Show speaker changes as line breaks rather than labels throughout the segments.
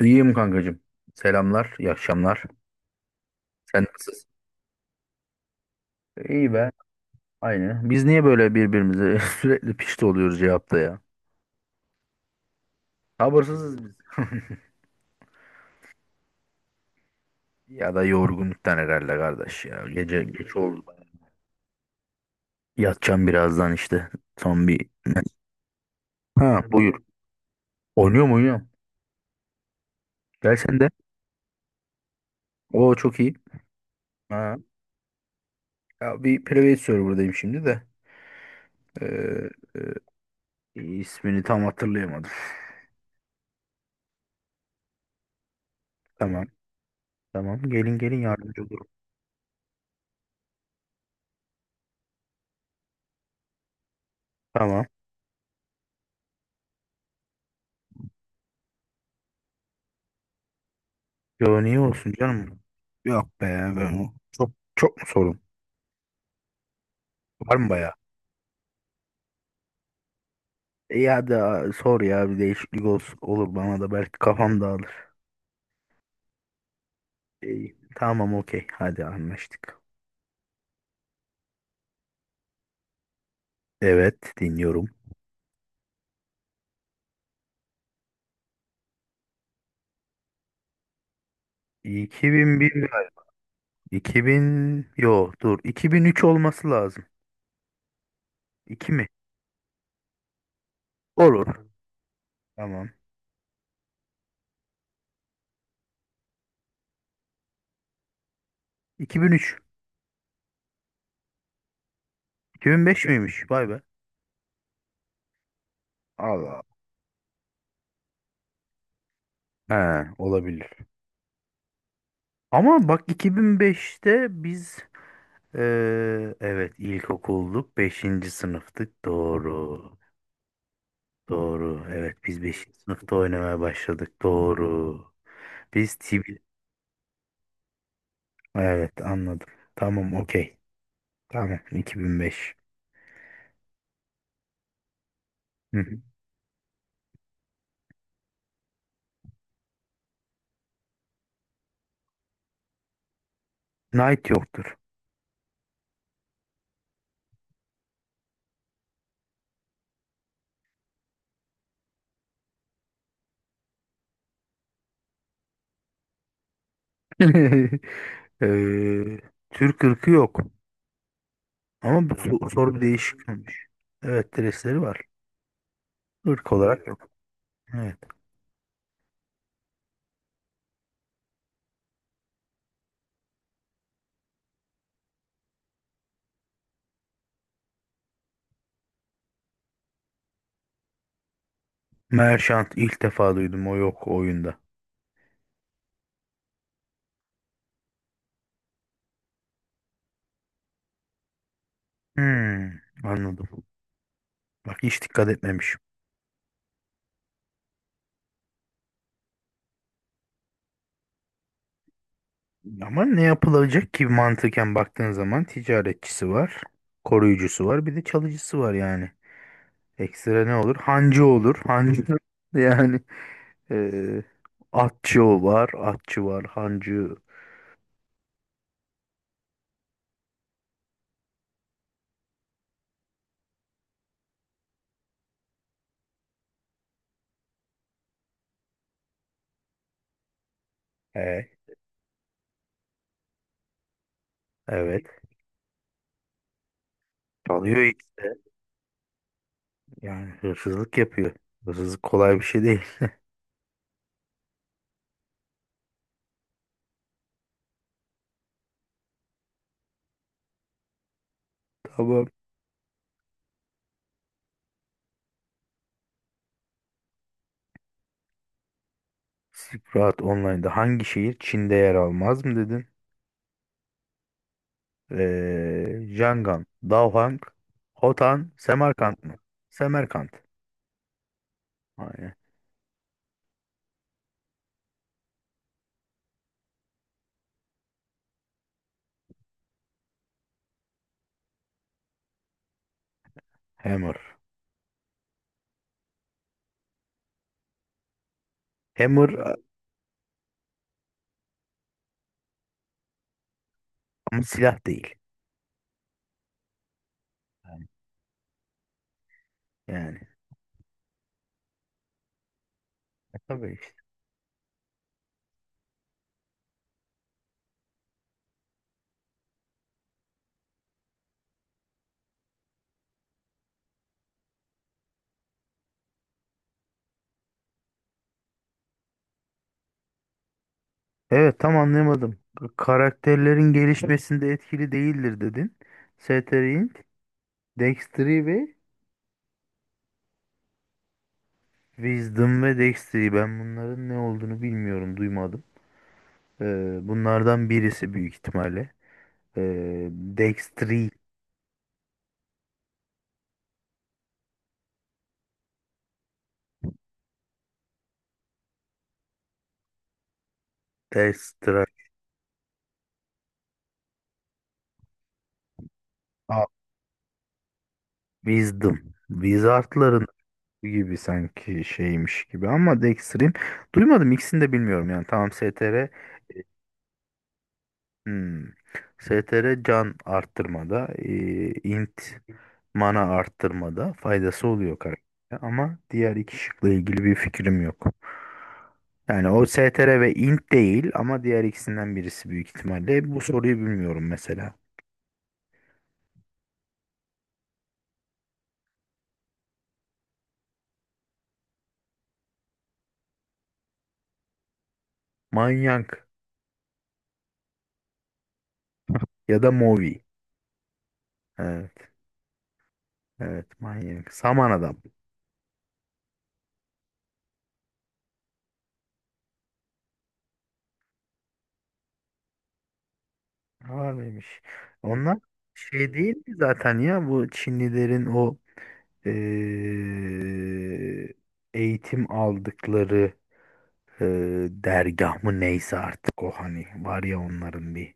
İyiyim kankacığım. Selamlar, iyi akşamlar. Sen nasılsın? İyi be. Aynı. Biz niye böyle birbirimize sürekli pişti oluyoruz cevapta ya? Sabırsızız biz. Ya da yorgunluktan herhalde kardeş ya. Gece geç oldu. Yatacağım birazdan işte. Son bir... Ha, buyur. Oynuyor mu, oynuyorum? Gel sen de. O çok iyi. Ha. Ya bir private server'dayım şimdi de. Ee, ismini tam hatırlayamadım. Tamam. Tamam. Gelin gelin, yardımcı olurum. Tamam. Yo, niye olsun canım? Yok be, ben çok çok mu sorun? Var mı bayağı? E, ya da sor ya, bir değişiklik olsun, olur, bana da belki kafam dağılır. İyi, tamam, okey, hadi anlaştık. Evet, dinliyorum. 2001 galiba. 2000, yo, dur, 2003 olması lazım. 2 mi? Olur. Tamam. 2003. 2005 miymiş? Vay be. Allah. He, olabilir. Ama bak, 2005'te biz, evet, ilkokulluk, beşinci sınıftık, doğru. Doğru. Evet, biz beşinci sınıfta oynamaya başladık, doğru. Biz TB. Evet, anladım. Tamam, okey. Tamam, 2005. Hı hı. Knight yoktur. Ee, Türk ırkı yok. Ama bu soru bir değişik olmuş. Evet, dresleri var. Irk olarak yok. Evet. Merchant ilk defa duydum, o yok oyunda. Hmm, anladım. Bak, hiç dikkat etmemişim. Ama ne yapılacak ki, mantıken baktığın zaman ticaretçisi var, koruyucusu var, bir de çalıcısı var yani. Ekstra ne olur? Hancı olur. Hancı, yani eee atçı o var, atçı var, hancı. E, evet. Çalıyor işte. Yani hırsızlık yapıyor. Hırsızlık kolay bir şey değil. Tamam. Silk Road Online'da hangi şehir Çin'de yer almaz mı dedin? Yangon, Daohang, Hotan, Semerkant mı? Semerkant. Aynen. Hammer. Hammer a- Ama silah değil. Yani. Tabii işte. Evet, tam anlayamadım. Karakterlerin gelişmesinde etkili değildir, dedin. Setterint, Dexter'i ve Wisdom ve Dexter'i. Ben bunların ne olduğunu bilmiyorum, duymadım. Bunlardan birisi büyük ihtimalle. Dexter'i, Dexter, Aa, Wisdom. Wizardların gibi sanki şeymiş gibi, ama Dexter'in duymadım, ikisini de bilmiyorum yani. Tamam, STR. Hmm. STR can arttırmada, int mana arttırmada faydası oluyor karaktere, ama diğer iki şıkla ilgili bir fikrim yok. Yani o STR ve int değil, ama diğer ikisinden birisi büyük ihtimalle. Bu soruyu bilmiyorum mesela. Manyak ya da Movi. Evet. Evet, manyak. Saman adam. Var mıymış? Onlar şey değil mi zaten, ya bu Çinlilerin o eee, eğitim aldıkları dergah mı, neyse artık, o hani var ya, onların bir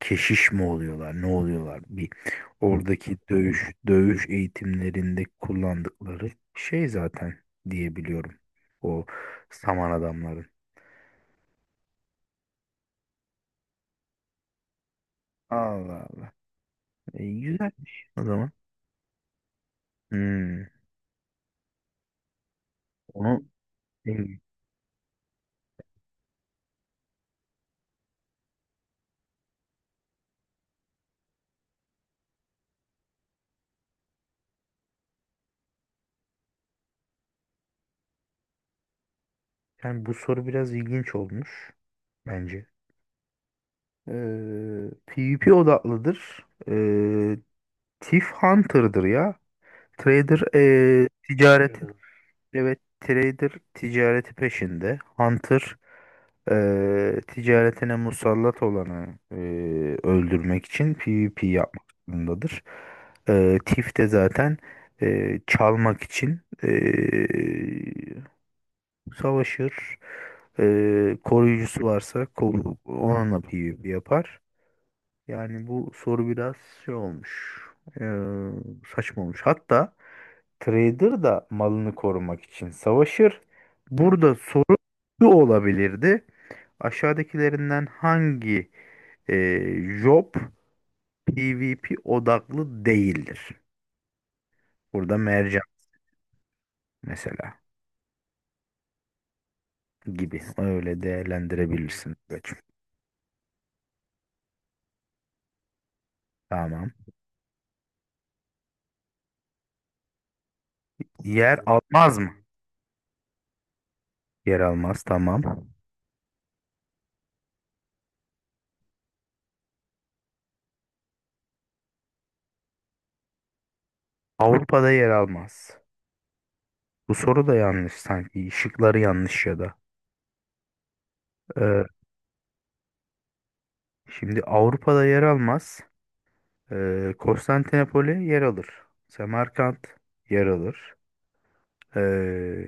keşiş mi oluyorlar, ne oluyorlar, bir oradaki dövüş dövüş eğitimlerinde kullandıkları şey zaten diyebiliyorum, o saman adamların. Allah Allah. Güzelmiş o zaman. Hmm, onu. Yani bu soru biraz ilginç olmuş bence. PvP odaklıdır. Thief Hunter'dır ya. Trader ticareti, bilmiyorum. Evet, trader ticareti peşinde. Hunter ticaretine musallat olanı öldürmek için PvP yapmak zorundadır. Thief de zaten çalmak için savaşır. Koruyucusu varsa koru, onunla bir yapar. Yani bu soru biraz şey olmuş, ee, saçma olmuş. Hatta trader da malını korumak için savaşır. Burada soru şu olabilirdi: aşağıdakilerinden hangi job PvP odaklı değildir? Burada mercan mesela gibi. Öyle değerlendirebilirsin. Evet. Tamam. Yer almaz mı? Yer almaz, tamam. Avrupa'da yer almaz. Bu soru da yanlış sanki. Şıkları yanlış ya da. Ee, Şimdi, Avrupa'da yer almaz. Konstantinopoli yer alır. Semerkant yer alır. Ee,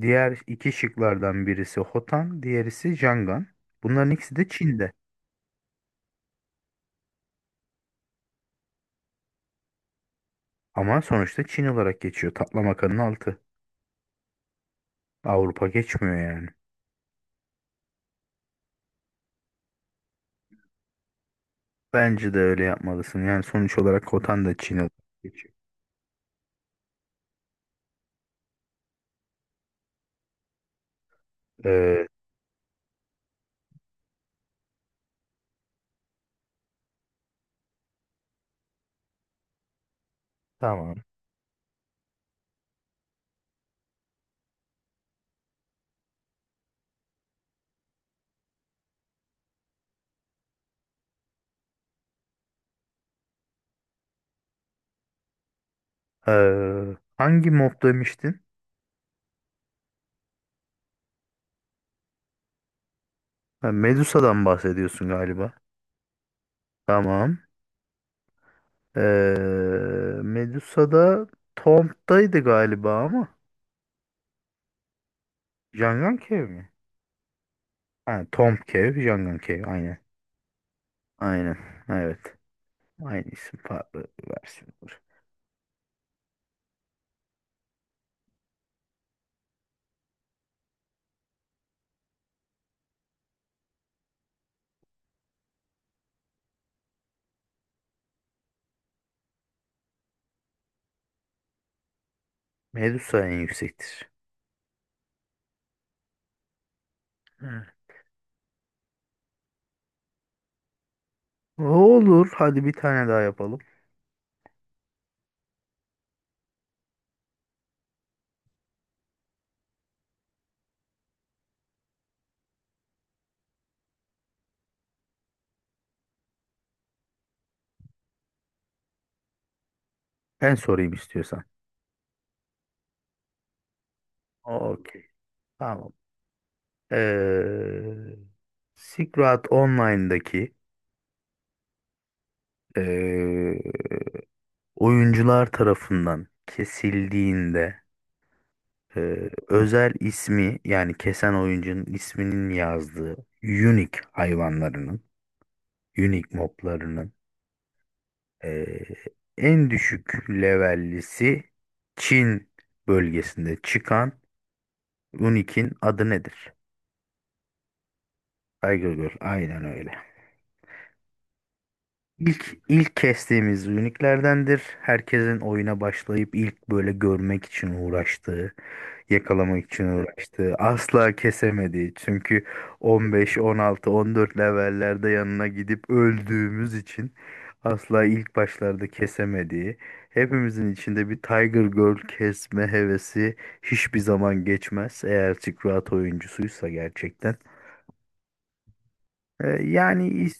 Diğer iki şıklardan birisi Hotan, diğerisi Jangan. Bunların ikisi de Çin'de. Ama sonuçta Çin olarak geçiyor. Taklamakanın altı. Avrupa geçmiyor yani. Bence de öyle yapmalısın. Yani sonuç olarak Hotan da Çin olarak geçiyor. Ee, tamam. Hangi mob demiştin? Ha, Medusa'dan bahsediyorsun galiba. Tamam. Ee, Medusa'da Tomb'daydı galiba ama. Jangan Cave mi? Ha, Tomb Cave, Jangan Cave. Aynen. Aynen. Evet. Aynı isim farklı versiyondur. Medusa en yüksektir. Evet. Olur. Hadi bir tane daha yapalım. Ben sorayım istiyorsan. Okey. Tamam. Ee, Silk Road Online'daki ee, oyuncular tarafından kesildiğinde özel ismi, yani kesen oyuncunun isminin yazdığı unique hayvanlarının, unique moblarının e, en düşük levellisi, Çin bölgesinde çıkan unique'in adı nedir? Tiger Girl, aynen öyle. İlk kestiğimiz uniklerdendir. Herkesin oyuna başlayıp ilk böyle görmek için uğraştığı, yakalamak için uğraştı. Asla kesemedi. Çünkü 15, 16, 14 levellerde yanına gidip öldüğümüz için asla ilk başlarda kesemediği, hepimizin içinde bir Tiger Girl kesme hevesi hiçbir zaman geçmez. Eğer Silk Road oyuncusuysa gerçekten. Yani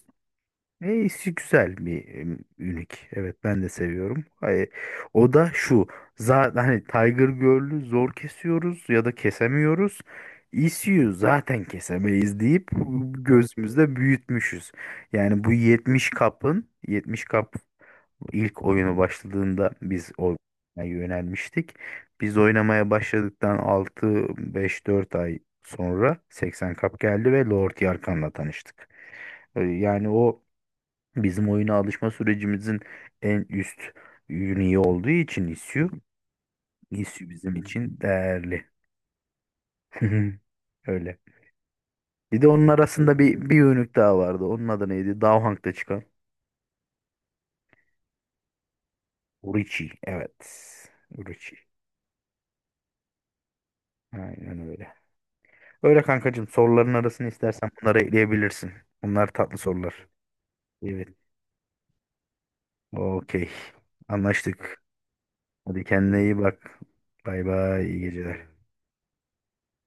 işi güzel bir ünik. Evet, ben de seviyorum. Ay, o da şu. Zaten hani Tiger Girl'ü zor kesiyoruz ya da kesemiyoruz. ECU zaten kesemeyiz deyip gözümüzde büyütmüşüz. Yani bu 70 kapın, 70 kap ilk oyunu başladığında biz oynamaya yönelmiştik. Biz oynamaya başladıktan 6, 5, 4 ay sonra 80 kap geldi ve Lord Yarkan'la tanıştık. Yani o, bizim oyuna alışma sürecimizin en üst ürünü olduğu için ISU, bizim için değerli. Öyle. Bir de onun arasında bir ürünlük daha vardı. Onun adı neydi? Daha çıkan. Urichi. Evet. Urichi. Aynen öyle. Öyle kankacığım. Soruların arasını istersen bunları ekleyebilirsin. Bunlar tatlı sorular. Evet. Okey. Anlaştık. Hadi kendine iyi bak. Bay bay. İyi geceler.